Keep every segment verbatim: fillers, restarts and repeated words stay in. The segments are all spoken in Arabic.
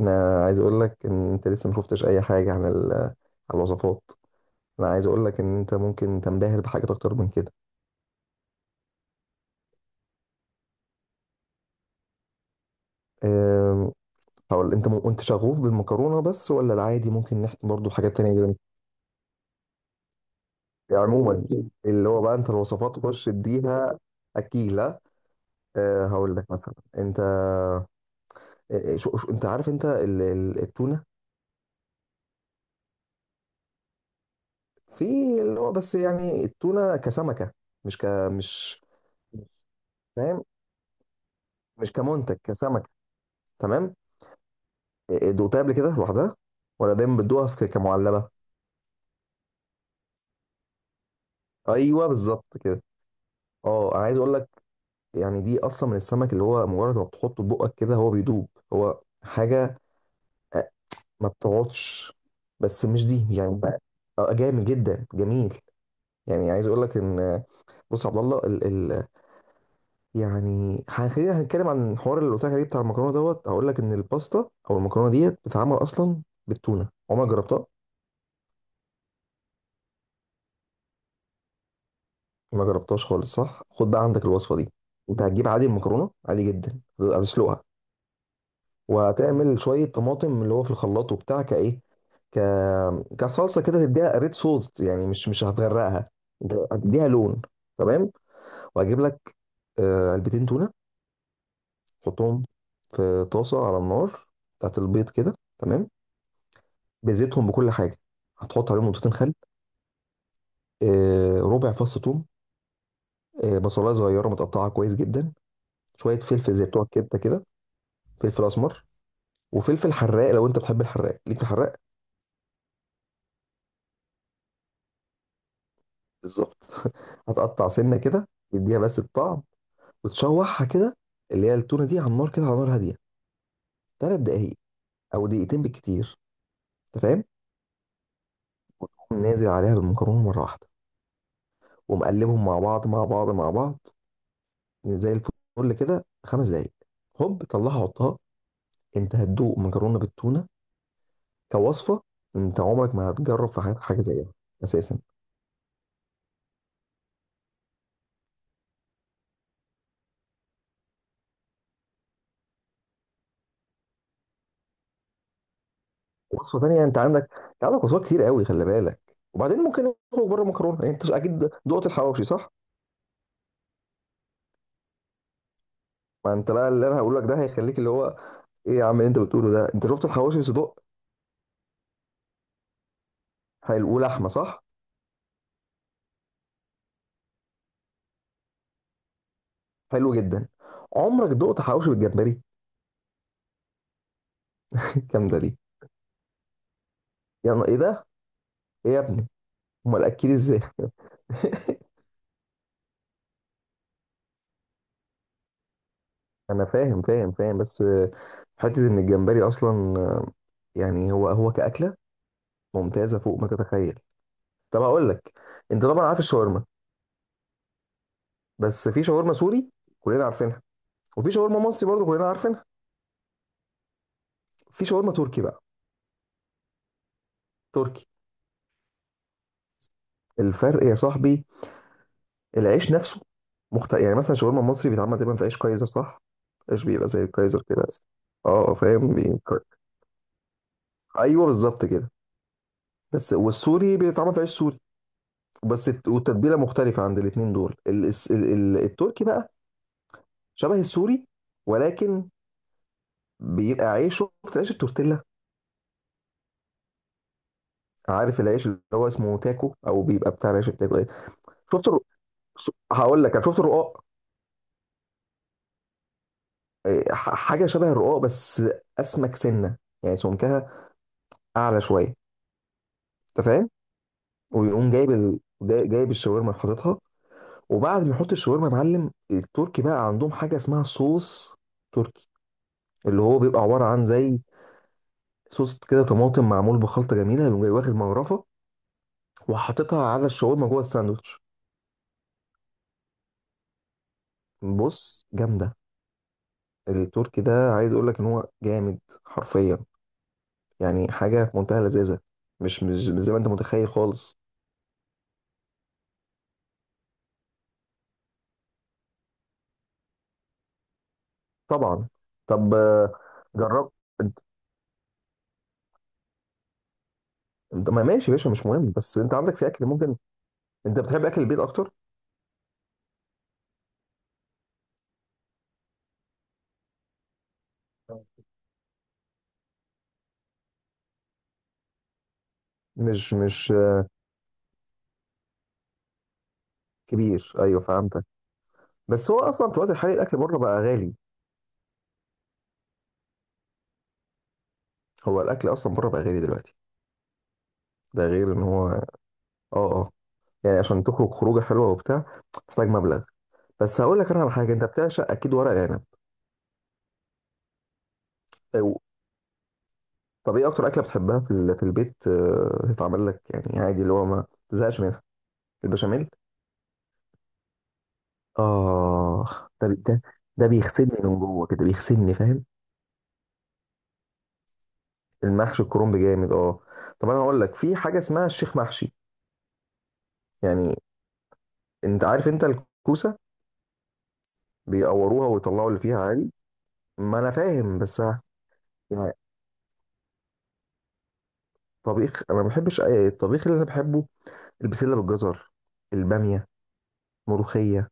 انا عايز اقول لك ان انت لسه ما شفتش اي حاجه عن ال- عن الوصفات انا عايز اقول لك ان انت ممكن تنبهر بحاجات اكتر من كده. أم، هقول انت م... انت شغوف بالمكرونه بس ولا العادي؟ ممكن نحكي برضو حاجات تانية جدا يعني عموما، اللي هو بقى انت الوصفات خش اديها. اكيد لا. أه هقول لك مثلا انت، إيه- شو... شو... انت عارف انت ال... ال- التونه؟ في اللي هو بس يعني التونه كسمكه، مش ك مش فاهم، مش كمنتج، كسمكه. تمام. إيه، دوقتها قبل كده لوحدها؟ ولا دايما بتدوقها في ك- كمعلبه؟ ايوه بالظبط كده. اه، عايز اقول لك، يعني دي اصلا من السمك اللي هو مجرد ما بتحطه في بقك كده هو بيدوب، هو حاجه، آه، ما بتقعدش. بس مش دي يعني بقى- آه، جامد جدا، جميل. يعني عايز اقول لك ان آه، بص يا عبد الله، ال ال يعني ح- خلينا هنتكلم عن الحوار اللي قلت لك عليه بتاع المكرونه دوت. هقول لك ان الباستا او المكرونه ديت بتتعمل اصلا بالتونه. عمرك جربتها؟ ما جربتهاش خالص، صح؟ خد بقى عندك الوصفه دي. انت هتجيب عادي المكرونه، عادي جدا هتسلقها، وهتعمل شويه طماطم اللي هو في الخلاط وبتاع كايه، ك كصلصه كده، تديها ريد صوص يعني، مش مش هتغرقها، انت هتديها لون. تمام. وهجيب لك آه، علبتين تونه، حطهم في طاسه على النار بتاعت البيض كده، تمام، بزيتهم بكل حاجه. هتحط عليهم نقطتين خل، آه، ربع فص ثوم، آه، بصلايه صغيره متقطعه كويس جدا، شويه فلفل زي بتوع الكبده كده، فلفل اسمر، وفلفل حراق لو انت بتحب الحراق. ليك في الحراق؟ بالظبط. هتقطع سنه كده تديها بس الطعم، وتشوحها كده، اللي هي التونه دي، على النار كده على نار هاديه، ثلاث دقايق او دقيقتين بالكتير. انت فاهم؟ تقوم نازل عليها بالمكرونه مره واحده، ومقلبهم مع بعض مع بعض مع بعض زي الفل كده خمس دقايق. هوب، طلعها حطها. انت هتدوق مكرونه بالتونه كوصفه انت عمرك ما هتجرب في حياتك حاجه زيها اساسا. وصفه تانية؟ انت عندك، انت عندك وصفات كتير قوي، خلي بالك. وبعدين ممكن نخرج بره المكرونه. يعني انت اكيد دقت الحواوشي، صح؟ ما انت بقى اللي انا هقول لك ده هيخليك اللي هو، ايه يا عم اللي انت بتقوله ده! انت شفت الحواوشي صدق؟ حلو ولحمه صح؟ حلو جدا. عمرك دقت حواوشي بالجمبري؟ الجامده دي، يعني ايه ده؟ ايه يا ابني، امال اكل ازاي؟ انا فاهم فاهم فاهم، بس حته ان الجمبري اصلا، يعني هو هو كاكله ممتازه فوق ما تتخيل. طب هقول لك، انت طبعا عارف الشاورما. بس في شاورما سوري كلنا عارفينها، وفي شاورما مصري برضو كلنا عارفينها. في شاورما تركي بقى. تركي. الفرق يا صاحبي، العيش نفسه مختلف. يعني مثلا شاورما مصري بيتعمل تقريبا في عيش كايزر، صح؟ عيش بيبقى زي الكايزر كده بس. اه آه، فاهم بي- ايوه بالظبط كده. بس والسوري بيتعمل في عيش سوري، بس الت- والتتبيله مختلفه عند الاتنين دول. ال... الس- ال... ال... التركي بقى شبه السوري، ولكن بيبقى عيش. شفت عيش التورتيلا؟ عارف العيش اللي هو اسمه تاكو، او بيبقى بتاع عيش التاكو ايه؟ شفت الر- ش- هقول لك، شفت الرقاق؟ إيه، ح- حاجه شبه الرقاق، بس اسمك سنه، يعني سمكها اعلى شويه. انت فاهم؟ ويقوم جايب ال... جاي- جايب الشاورما حاططها. وبعد ما يحط الشاورما يا معلم، التركي بقى عندهم حاجه اسمها صوص تركي، اللي هو بيبقى عباره عن زي صوص كده طماطم معمول بخلطه جميله. يقوم جاي واخد مغرفه وحاططها على الشاورما جوه الساندوتش. بص، جامده. التركي ده عايز اقول لك ان هو جامد حرفيا، يعني حاجه في منتهى اللذاذه، مش مش مش زي ما انت متخيل خالص. طبعا. طب آه، جرب. انت انت- ما ماشي يا باشا، مش مهم، بس انت عندك في اكل ممكن. انت بتحب اكل البيت اكتر. مش مش آه، كبير، ايوه فهمتك. بس هو اصلا في الوقت الحالي الاكل بره بقى غالي. هو الاكل اصلا بره بقى غالي دلوقتي، ده غير ان هو اه. اه، يعني عشان تخرج خروجه حلوه وبتاع، محتاج مبلغ. بس هقول لك انا على حاجه، انت بتعشق اكيد ورق العنب. أو- طب ايه اكتر اكله بتحبها في ال- في البيت آه، تتعمل لك يعني عادي اللي هو ما تزهقش منها؟ البشاميل. آه. ده بي- ده، ده بيغسلني من جوه كده، بيغسلني، فاهم. المحشي الكرنب جامد، اه. طب انا هقول لك في حاجة اسمها الشيخ محشي. يعني انت عارف انت الكوسة، بيقوروها ويطلعوا اللي فيها عادي. ما انا فاهم بس ه- يعني طبيخ، انا ما بحبش أي- الطبيخ اللي انا بحبه البسلة بالجزر، البامية، ملوخية،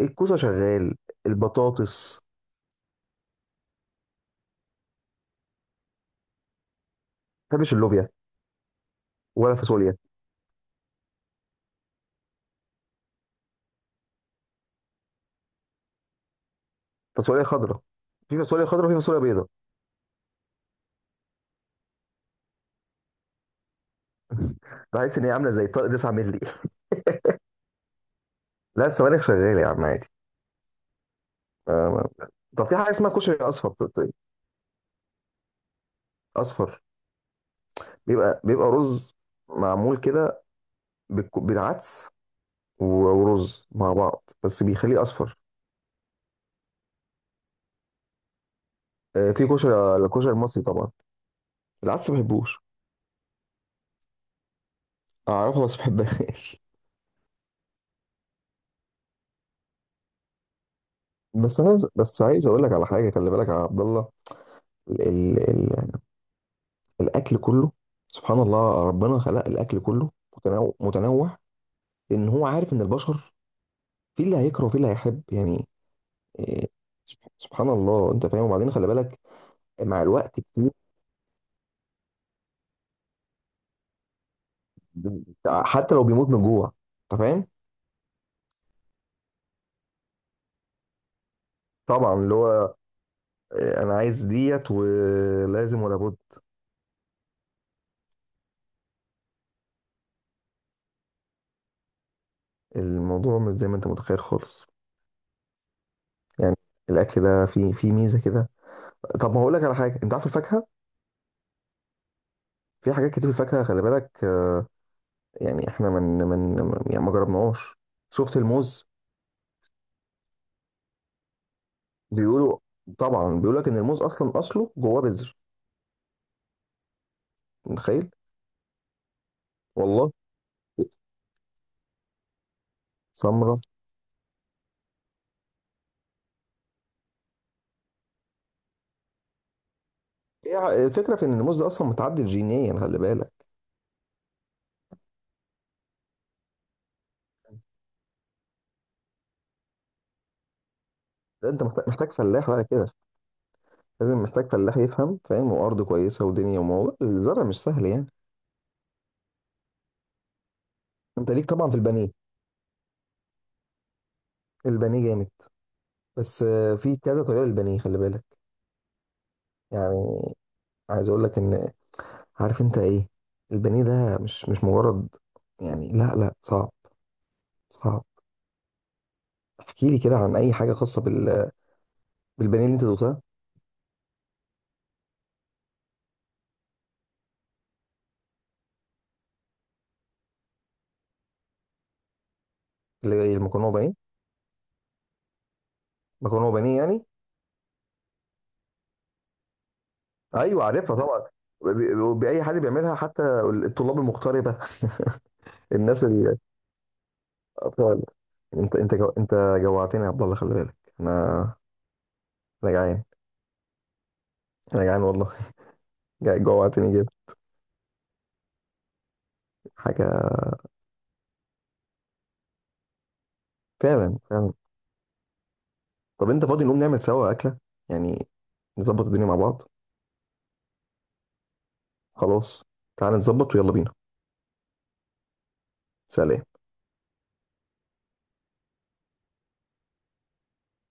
الكوسة شغال، البطاطس. ما بحبش اللوبيا ولا فاصوليا. فاصوليا خضراء؟ في فاصوليا خضراء وفي فاصوليا بيضاء. بحس ان هي عامله زي طارق تسعة مللي. لا السبانخ شغال يا عم عادي. آه، طب في حاجه اسمها كشري اصفر، طيب، اصفر بيبقى، بيبقى رز معمول كده بالك- بالعدس و- ورز مع بعض، بس بيخليه اصفر. آه، في كشري الكشري المصري طبعا. العدس ما بحبوش. اعرفها بس ما بحبهاش. بس انا عايز- بس عايز اقول لك على حاجه، خلي بالك يا عبد الله، ال ال ال الاكل كله، سبحان الله ربنا خلق الاكل كله متنوع، متنوع، لان هو عارف ان البشر في اللي هيكره وفي اللي هيحب، يعني. إيه، سبح- سبحان الله، انت فاهم؟ وبعدين خلي بالك مع الوقت كتير، حتى لو بيموت من جوع. انت فاهم؟ طبعا، اللي هو إيه، انا عايز ديت ولازم ولا بد. الموضوع مش زي ما انت متخيل خالص يعني، الاكل ده فيه، فيه ميزه كده. طب ما هقول لك على حاجه، انت عارف الفاكهه، في حاجات كتير في الفاكهه، خلي بالك آه، يعني احنا من من، يعني ما جربناهاش. شفت الموز؟ بيقولوا، طبعا بيقول لك ان الموز اصلا اصله جواه بذر. متخيل؟ والله. سمرة. هي ع- الفكره في ان الموز ده اصلا متعدل جينيا، خلي بالك. ده انت محتاج، محتاج فلاح بقى كده، لازم محتاج فلاح يفهم، فاهم؟ وارض كويسه ودنيا، وموضوع الزرع مش سهل يعني. انت ليك طبعا في البانيه. البانيه جامد، بس آه، في كذا طريقه للبانيه، خلي بالك. يعني عايز اقول لك ان، عارف انت ايه، البانيه ده مش مش مجرد، يعني لا لا، صعب، صعب. احكي لي كده عن اي حاجه خاصه بال... بالبانيه اللي انت دوقتها. اللي هي المكرونه وبانيه. مكرونه وبانيه يعني. ايوه عارفها طبعا، ب- ب- باي حد بيعملها، حتى الطلاب المغتربه. الناس، الاطفال. انت انت جو... انت جوعتني يا عبد الله، خلي بالك. انا انا جعان، انا جعان والله. جع- جوعتني جدا حاجه، فعلا، فعلا. طب انت فاضي نقوم نعمل سوا اكله، يعني نظبط الدنيا مع بعض؟ خلاص، تعال نظبط ويلا بينا. سلام.